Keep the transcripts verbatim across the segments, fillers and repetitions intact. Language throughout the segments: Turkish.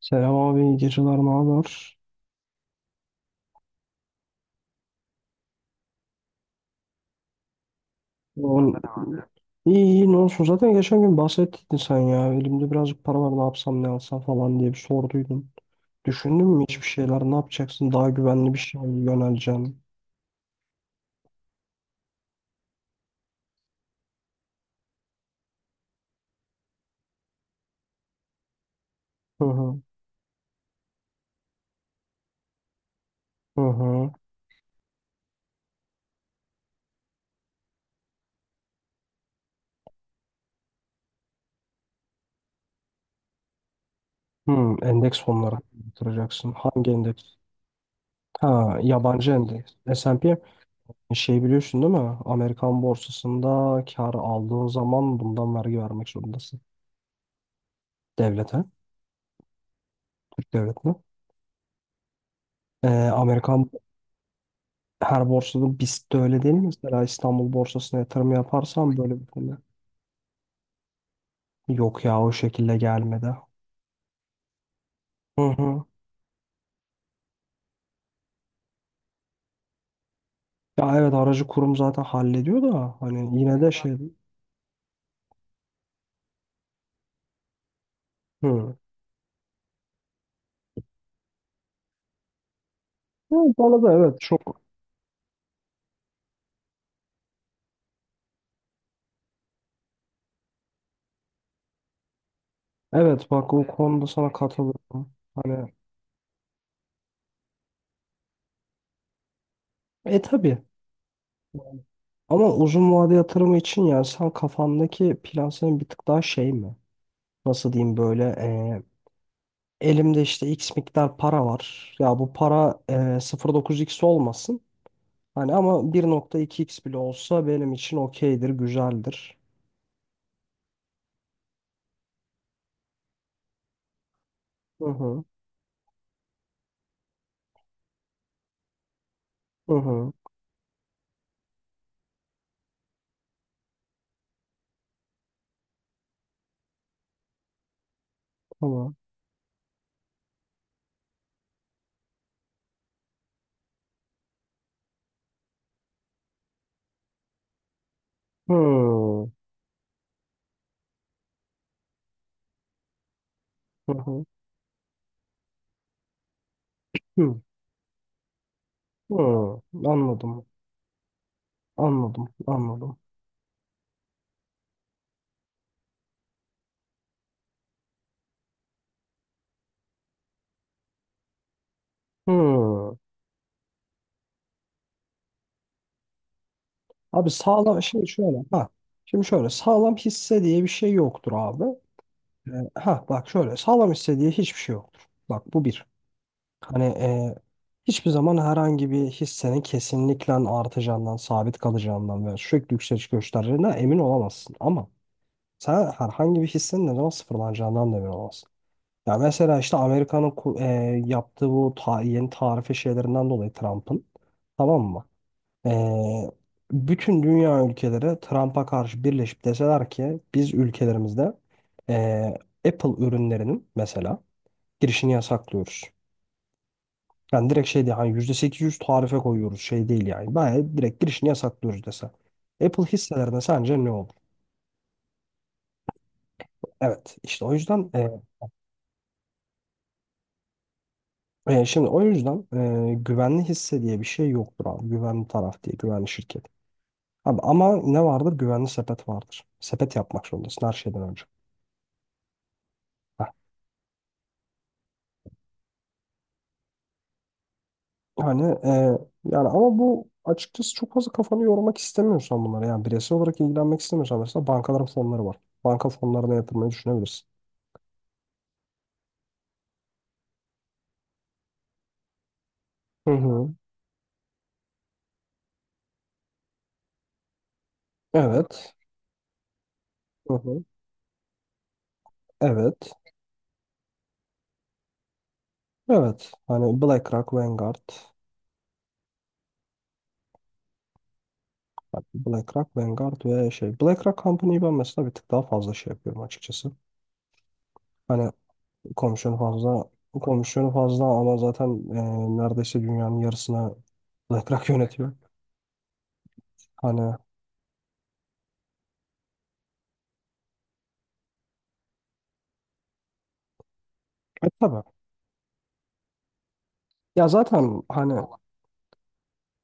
Selam abi, iyi geceler, ne haber? Oğlum, abi. İyi iyi ne olsun. Zaten geçen gün bahsettin sen ya. Elimde birazcık para var, ne yapsam ne alsam falan diye bir sorduydun. Düşündün mü hiçbir şeyler? Ne yapacaksın? Daha güvenli bir şeye mi yöneleceksin? Hı hı. Hı hı. Hı, endeks fonları yatıracaksın. Hangi endeks? Ha, yabancı endeks. es end pi. Şey biliyorsun değil mi? Amerikan borsasında kar aldığın zaman bundan vergi vermek zorundasın. Devlete. Türk devletine. Ee, Amerikan her borsada biz de öyle değil mi? Mesela İstanbul borsasına yatırım yaparsam böyle bir konu. Yok ya, o şekilde gelmedi. Hı hı. Ya evet, aracı kurum zaten hallediyor da hani yine de şey. Hı. Hı, bana da evet çok. Evet bak, o konuda sana katılıyorum. Hani e tabii. Ama uzun vade yatırımı için, yani sen kafandaki plan senin bir tık daha şey mi? Nasıl diyeyim böyle e, elimde işte X miktar para var. Ya bu para e, sıfır virgül dokuz x olmasın. Hani ama bir nokta iki x bile olsa benim için okeydir, güzeldir. Hı hı, hı hı, tamam. Hı hı, hı hı, hı. Anladım, anladım, anladım. Hı. Abi sağlam, şimdi şöyle, ha. Şimdi şöyle, sağlam hisse diye bir şey yoktur abi. Ee, ha bak şöyle, sağlam hisse diye hiçbir şey yoktur. Bak, bu bir. Hani e, hiçbir zaman herhangi bir hissenin kesinlikle artacağından, sabit kalacağından ve sürekli yükseliş göstereceğinden emin olamazsın. Ama sen herhangi bir hissin ne zaman sıfırlanacağından da emin olamazsın. Ya mesela işte Amerika'nın ku- e, yaptığı bu ta- yeni tarife şeylerinden dolayı Trump'ın, tamam mı? E, bütün dünya ülkeleri Trump'a karşı birleşip deseler ki biz ülkelerimizde e, Apple ürünlerinin mesela girişini yasaklıyoruz. Yani direkt şey değil, hani yüzde sekiz yüz tarife koyuyoruz şey değil yani. Bayağı direkt girişini yasaklıyoruz dese. Apple hisselerine sence ne olur? Evet işte o yüzden e, E, şimdi o yüzden e, güvenli hisse diye bir şey yoktur abi. Güvenli taraf diye, güvenli şirket. Abi ama ne vardır? Güvenli sepet vardır. Sepet yapmak zorundasın her şeyden önce. Heh. Yani e, yani ama bu açıkçası, çok fazla kafanı yormak istemiyorsan bunlara, yani bireysel olarak ilgilenmek istemiyorsan, mesela bankaların fonları var. Banka fonlarına yatırmayı düşünebilirsin. Hı hı. Evet. Hı hı. Evet. Evet. Hani BlackRock, Vanguard. Bak, BlackRock, Vanguard ve şey. BlackRock Company'yi ben mesela bir tık daha fazla şey yapıyorum açıkçası. Hani Komisyonu fazla komisyonu fazla ama zaten e, neredeyse dünyanın yarısına Black yönetiyor. Hani e, tabii. Ya zaten hani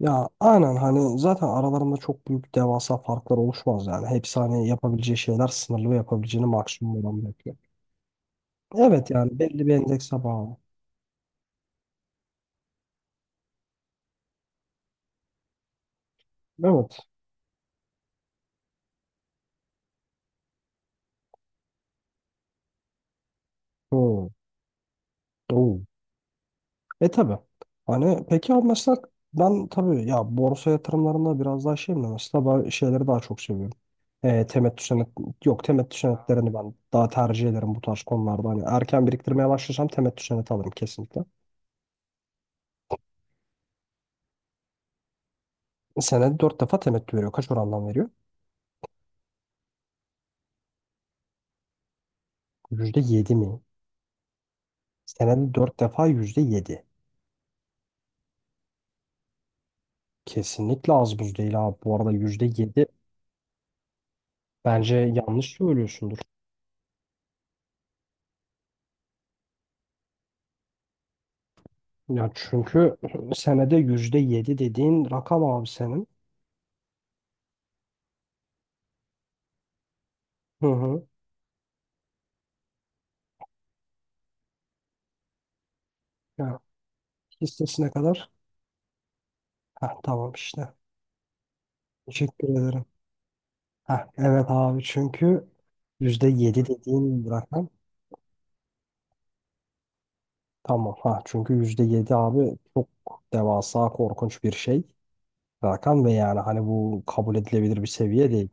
ya aynen, hani zaten aralarında çok büyük devasa farklar oluşmaz yani. Hepsi hani yapabileceği şeyler sınırlı ve yapabileceğini maksimum olan yapıyor. Evet, yani belli bir endekse bağlı. Evet. Hı. Oo. E tabii. Hani peki abi mesela ben tabii ya, borsa yatırımlarında biraz daha şeyim de mesela ben şeyleri daha çok seviyorum. E, temettü senet yok, temettü senetlerini ben daha tercih ederim bu tarz konularda. Hani erken biriktirmeye başlasam temettü seneti alırım kesinlikle. Senede dört defa temettü veriyor. Kaç orandan veriyor? Yüzde yedi mi? Senede dört defa yüzde yedi. Kesinlikle az buz değil abi. Bu arada yüzde yedi bence yanlış söylüyorsundur. Ya çünkü senede yüzde yedi dediğin rakam abi senin. Hı hı. Ya, listesine kadar. Heh, tamam işte. Teşekkür ederim. Heh, evet abi, çünkü yüzde yedi dediğin rakam. Tamam. Ha, çünkü yüzde yedi abi çok devasa korkunç bir şey. Rakam ve yani hani bu kabul edilebilir bir seviye değil.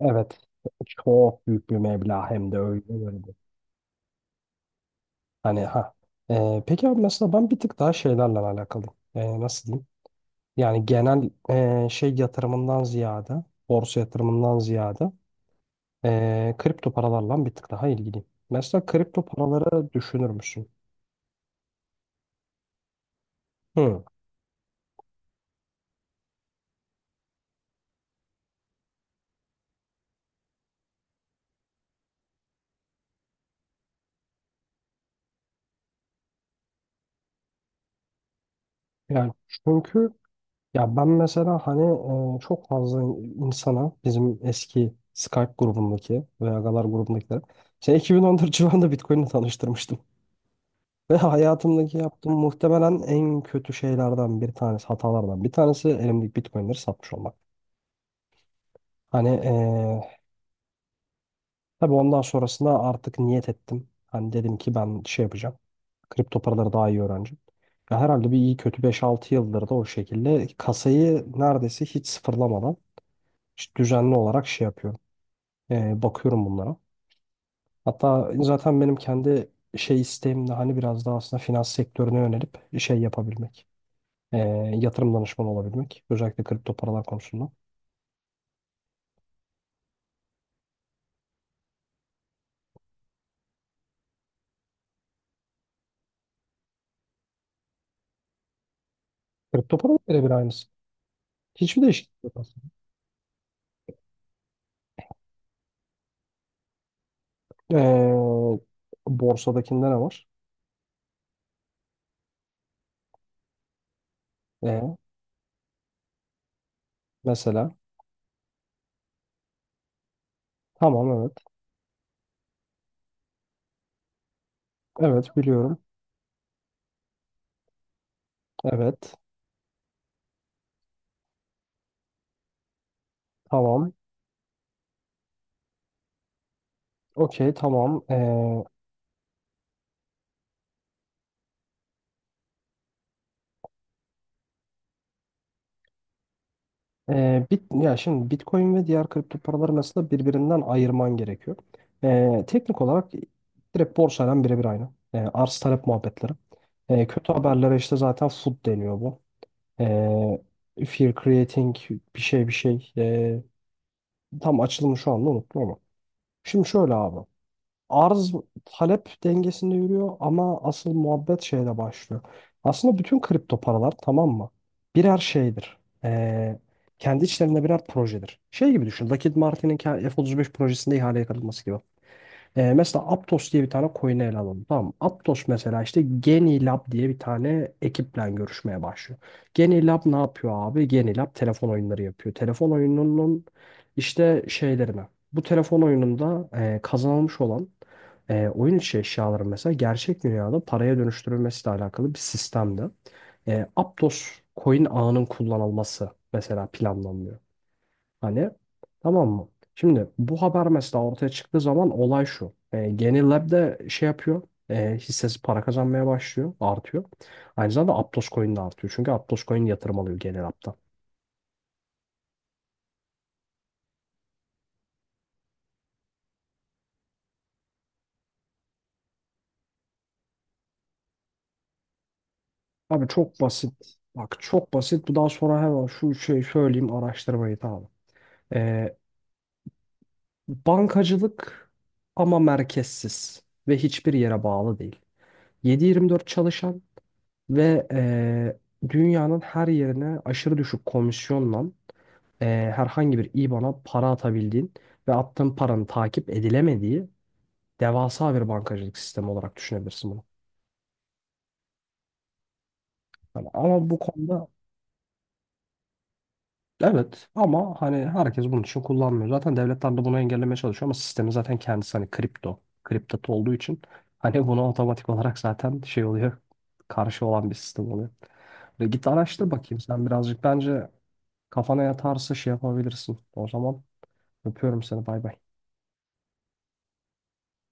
Evet. Çok büyük bir meblağ, hem de öyle böyle. bir- Hani ha. Ee, peki abi mesela ben bir tık daha şeylerle alakalıyım. Ee, nasıl diyeyim? Yani genel ee, şey yatırımından ziyade, borsa yatırımından ziyade Ee, kripto paralarla bir tık daha ilgiliyim. Mesela kripto paraları düşünür müsün? Hı. Yani çünkü ya ben mesela hani e, çok fazla insana bizim eski Skype grubundaki veya Galar grubundakiler şey iki bin on dört civarında Bitcoin'le tanıştırmıştım. Ve hayatımdaki yaptığım muhtemelen en kötü şeylerden bir tanesi, hatalardan bir tanesi elimdeki Bitcoin'leri satmış olmak. Hani e, tabii, ondan sonrasında artık niyet ettim. Hani dedim ki ben şey yapacağım. Kripto paraları daha iyi öğrencim. Ya herhalde bir iyi kötü beş altı yıldır da o şekilde kasayı neredeyse hiç sıfırlamadan işte düzenli olarak şey yapıyorum. Ee, bakıyorum bunlara. Hatta zaten benim kendi şey isteğim de hani biraz daha aslında finans sektörüne yönelip şey yapabilmek. Ee, yatırım danışmanı olabilmek. Özellikle kripto paralar konusunda. Kripto paralar birebir aynısı. Hiçbir değişiklik yok aslında. Ee, borsadakinde ne var? Ee, mesela tamam, evet. Evet biliyorum. Evet. Tamam. Okey tamam. Ee, e, bit ya şimdi Bitcoin ve diğer kripto paraları mesela birbirinden ayırman gerekiyor. Ee, teknik olarak direkt borsayla birebir aynı. Ee, arz talep muhabbetleri. Ee, kötü haberlere işte zaten FUD deniyor bu. Ee, fear creating bir şey bir şey. Ee, tam açılımı şu anda unuttum ama. Şimdi şöyle abi. Arz talep dengesinde yürüyor ama asıl muhabbet şeyle başlıyor. Aslında bütün kripto paralar, tamam mı? Birer şeydir. Ee, kendi içlerinde birer projedir. Şey gibi düşün. Lockheed Martin'in ke- F otuz beş projesinde ihaleye katılması gibi. Ee, mesela Aptos diye bir tane coin'i ele alalım. Tamam mı? Aptos mesela işte Genilab diye bir tane ekiple görüşmeye başlıyor. Genilab ne yapıyor abi? Genilab telefon oyunları yapıyor. Telefon oyununun işte şeylerine. Bu telefon oyununda e, kazanılmış olan e, oyun içi eşyaların mesela gerçek dünyada paraya dönüştürülmesiyle alakalı bir sistemde. E, Aptos coin ağının kullanılması mesela planlanıyor. Hani, tamam mı? Şimdi bu haber mesela ortaya çıktığı zaman olay şu. E, Geni Lab şey yapıyor. E, hissesi para kazanmaya başlıyor. Artıyor. Aynı zamanda Aptos Coin de artıyor. Çünkü Aptos Coin yatırım alıyor Geni Lab'dan. Abi çok basit. Bak çok basit. Bu daha sonra hemen şu şey söyleyeyim, araştırmayı tamam. E, bankacılık ama merkezsiz ve hiçbir yere bağlı değil. yedi yirmi dört çalışan ve e, dünyanın her yerine aşırı düşük komisyonla e, herhangi bir IBAN'a para atabildiğin ve attığın paranın takip edilemediği devasa bir bankacılık sistemi olarak düşünebilirsin bunu. Hani ama bu konuda evet, ama hani herkes bunun için kullanmıyor. Zaten devletler de bunu engellemeye çalışıyor ama sistemin zaten kendisi, hani kripto, kripto olduğu için hani buna otomatik olarak zaten şey oluyor. Karşı olan bir sistem oluyor. Ve git araştır bakayım sen birazcık, bence kafana yatarsa şey yapabilirsin. O zaman öpüyorum seni, bay bay.